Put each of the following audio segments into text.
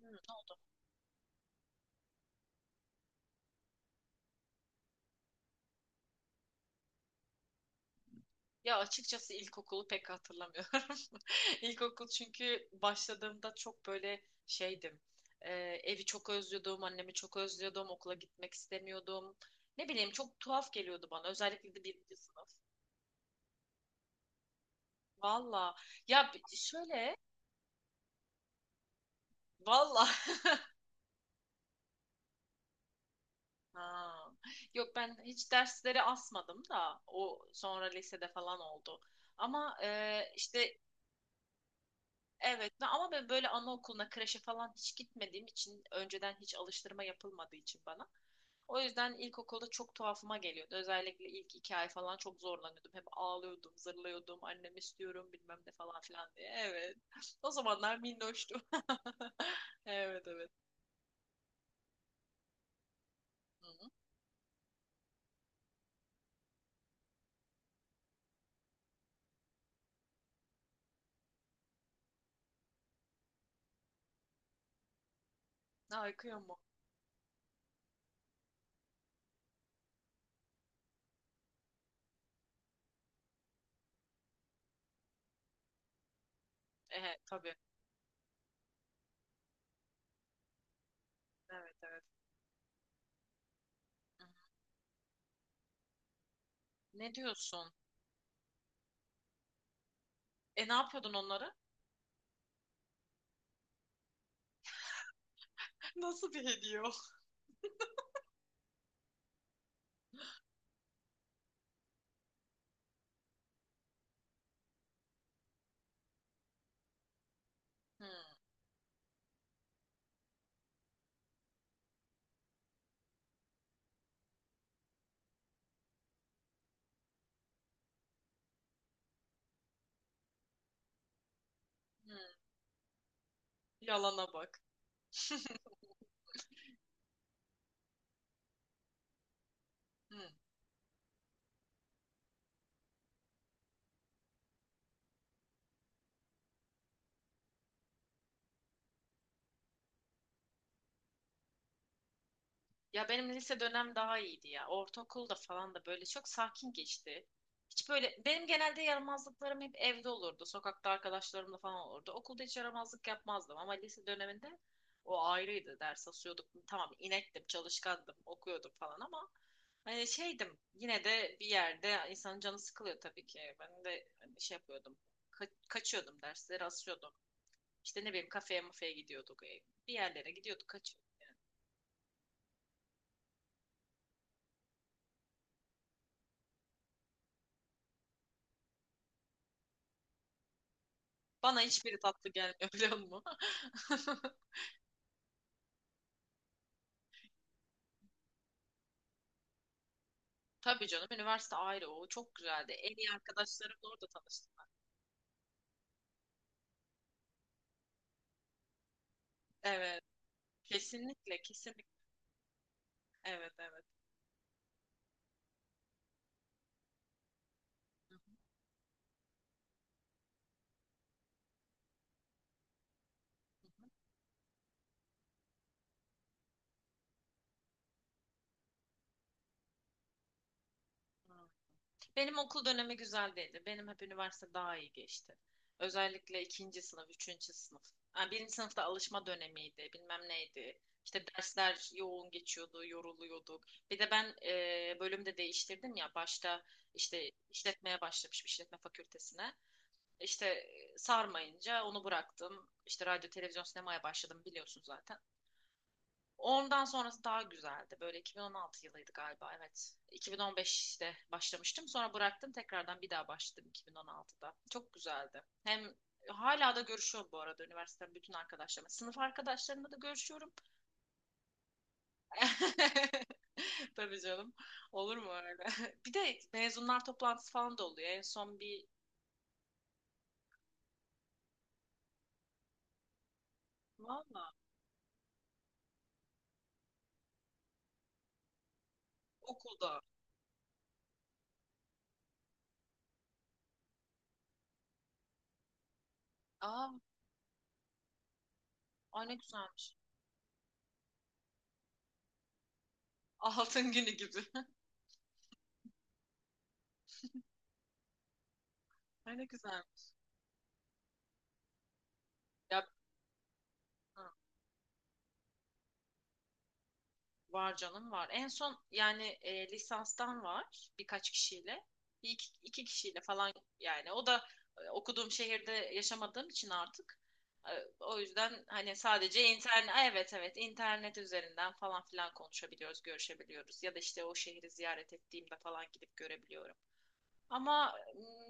Hmm, tamam. Ya açıkçası ilkokulu pek hatırlamıyorum. İlkokul çünkü başladığımda çok böyle şeydim. Ee, evi çok özlüyordum, annemi çok özlüyordum, okula gitmek istemiyordum. Ne bileyim çok tuhaf geliyordu bana. Özellikle de birinci sınıf. Valla. Şöyle. Valla. Ha. Yok ben hiç dersleri asmadım da o sonra lisede falan oldu. Ama işte ama ben böyle anaokuluna, kreşe falan hiç gitmediğim için önceden hiç alıştırma yapılmadığı için bana. O yüzden ilkokulda çok tuhafıma geliyordu. Özellikle ilk iki ay falan çok zorlanıyordum. Hep ağlıyordum, zırlıyordum. Annem istiyorum bilmem ne falan filan diye. Evet. O zamanlar minnoştum. Evet, evet. Hı hı. Ne akıyor mu? Evet, tabii. Evet, evet. Hı hı. Ne diyorsun? E ne yapıyordun onlara? Nasıl bir hediye o? Hı, hı. Yalana bak. Hı. Ya benim lise dönem daha iyiydi ya. Ortaokulda falan da böyle çok sakin geçti. Hiç böyle benim genelde yaramazlıklarım hep evde olurdu. Sokakta arkadaşlarımla falan olurdu. Okulda hiç yaramazlık yapmazdım ama lise döneminde o ayrıydı. Ders asıyorduk. Tamam inektim, çalışkandım, okuyordum falan ama hani şeydim yine de bir yerde insanın canı sıkılıyor tabii ki. Ben de hani şey yapıyordum. Kaçıyordum, dersleri asıyordum. İşte ne bileyim kafeye mafeye gidiyorduk. Bir yerlere gidiyorduk, kaçıyorduk. Bana hiçbiri tatlı gelmiyor biliyor musun? Tabii canım üniversite ayrı o çok güzeldi. En iyi arkadaşlarımla orada tanıştım ben. Evet, kesinlikle kesinlikle. Evet, evet. Hı hı, hı hı. Hı. Benim okul dönemi güzel değildi. Benim hep üniversite daha iyi geçti. Özellikle ikinci sınıf, üçüncü sınıf. Yani birinci sınıfta alışma dönemiydi bilmem neydi. İşte dersler yoğun geçiyordu, yoruluyorduk. Bir de ben bölümde değiştirdim ya başta işte işletmeye başlamışım işletme fakültesine. İşte sarmayınca onu bıraktım. İşte radyo, televizyon, sinemaya başladım biliyorsun zaten. Ondan sonrası daha güzeldi. Böyle 2016 yılıydı galiba evet. 2015'te başlamıştım. Sonra bıraktım. Tekrardan bir daha başladım 2016'da. Çok güzeldi. Hem hala da görüşüyorum bu arada üniversiteden bütün arkadaşlarımla. Sınıf arkadaşlarımla da görüşüyorum. Tabii canım. Olur mu öyle? Bir de mezunlar toplantısı falan da oluyor. En son bir valla okulda. Aa, ay ne güzelmiş. Altın günü gibi. Ay güzel. Ya, hı, var canım var. En son yani lisanstan var birkaç kişiyle. Bir iki, iki kişiyle falan yani. O da okuduğum şehirde yaşamadığım için artık. E, O yüzden hani sadece internet, evet evet internet üzerinden falan filan konuşabiliyoruz, görüşebiliyoruz. Ya da işte o şehri ziyaret ettiğimde falan gidip görebiliyorum. Ama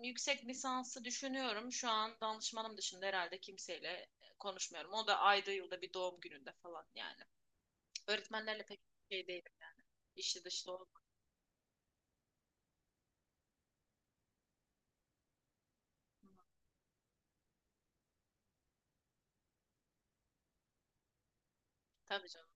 yüksek lisansı düşünüyorum. Şu an danışmanım dışında herhalde kimseyle konuşmuyorum. O da ayda yılda bir doğum gününde falan yani. Öğretmenlerle pek şey değil yani. İşli dışlı olmak. Hı, tabii canım.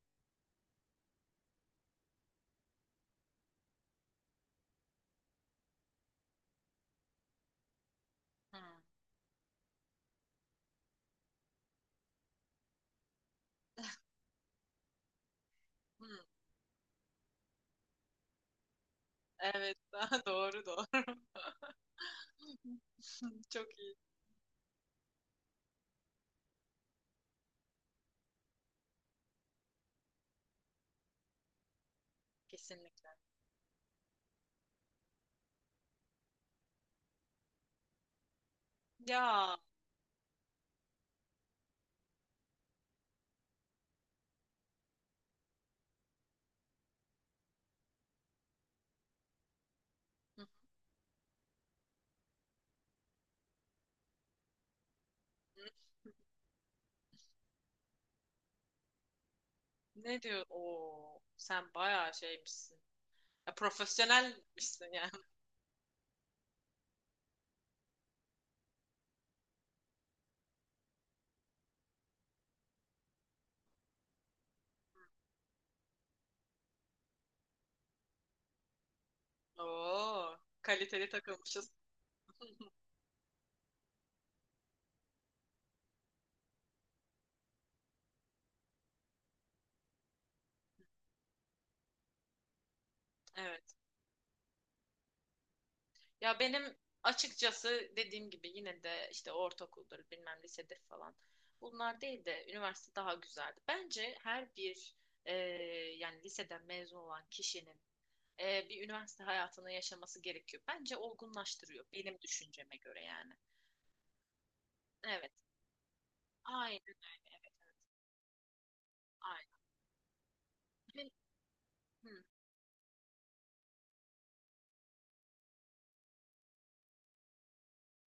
Hı, hı. Evet, doğru doğru. Çok iyi. Kesinlikle. Ya. Hı, hı. Ne diyor? Oo, sen bayağı şeymişsin. Ya, profesyonelmişsin yani. Oo, kaliteli takılmışız. Evet. Ya benim açıkçası dediğim gibi yine de işte ortaokuldur bilmem lisedir falan. Bunlar değil de üniversite daha güzeldi. Bence her bir e, yani liseden mezun olan kişinin bir üniversite hayatını yaşaması gerekiyor. Bence olgunlaştırıyor benim düşünceme göre yani. Evet. Aynen. Evet, aynen. Ve- hı.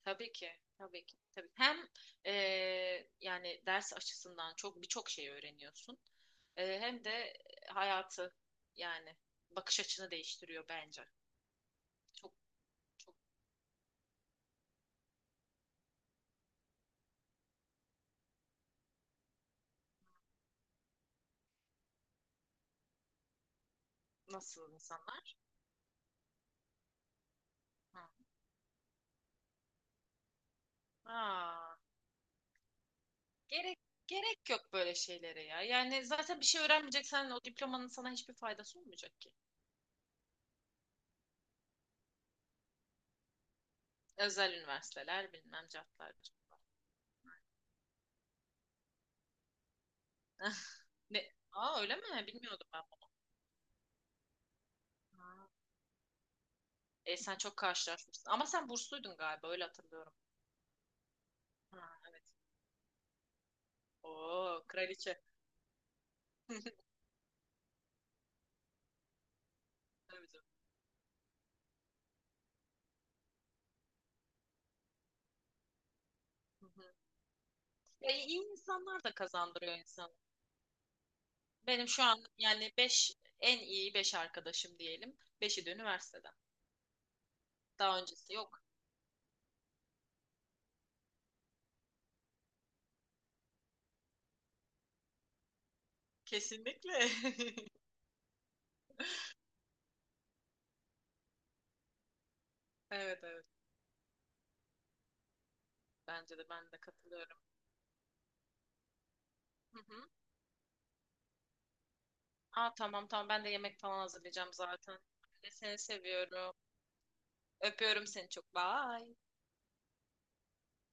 Tabii ki, tabii ki, tabii. Hem yani ders açısından çok birçok şey öğreniyorsun. Hem de hayatı yani bakış açını değiştiriyor bence. Çok, çok nasıl insanlar? Hı. Aa, gerek gerek yok böyle şeylere ya. Yani zaten bir şey öğrenmeyeceksen o diplomanın sana hiçbir faydası olmayacak ki. Özel üniversiteler bilmem cartlar, curtlar. Ne? Aa öyle mi? Bilmiyordum ben bunu. Ha. E, sen çok karşılaşmışsın. Ama sen bursluydun galiba öyle hatırlıyorum. Ha, evet. Oo, kraliçe. Tabii canım. Hı hı. Ya, iyi insanlar da kazandırıyor insanı. Benim şu an yani 5 en iyi 5 arkadaşım diyelim, beşi de üniversiteden. Daha öncesi yok. Kesinlikle. Evet, evet. Bence de, ben de katılıyorum. Hı hı. Aa tamam tamam, ben de yemek falan hazırlayacağım zaten. Ben de seni seviyorum. Öpüyorum seni çok. Bye.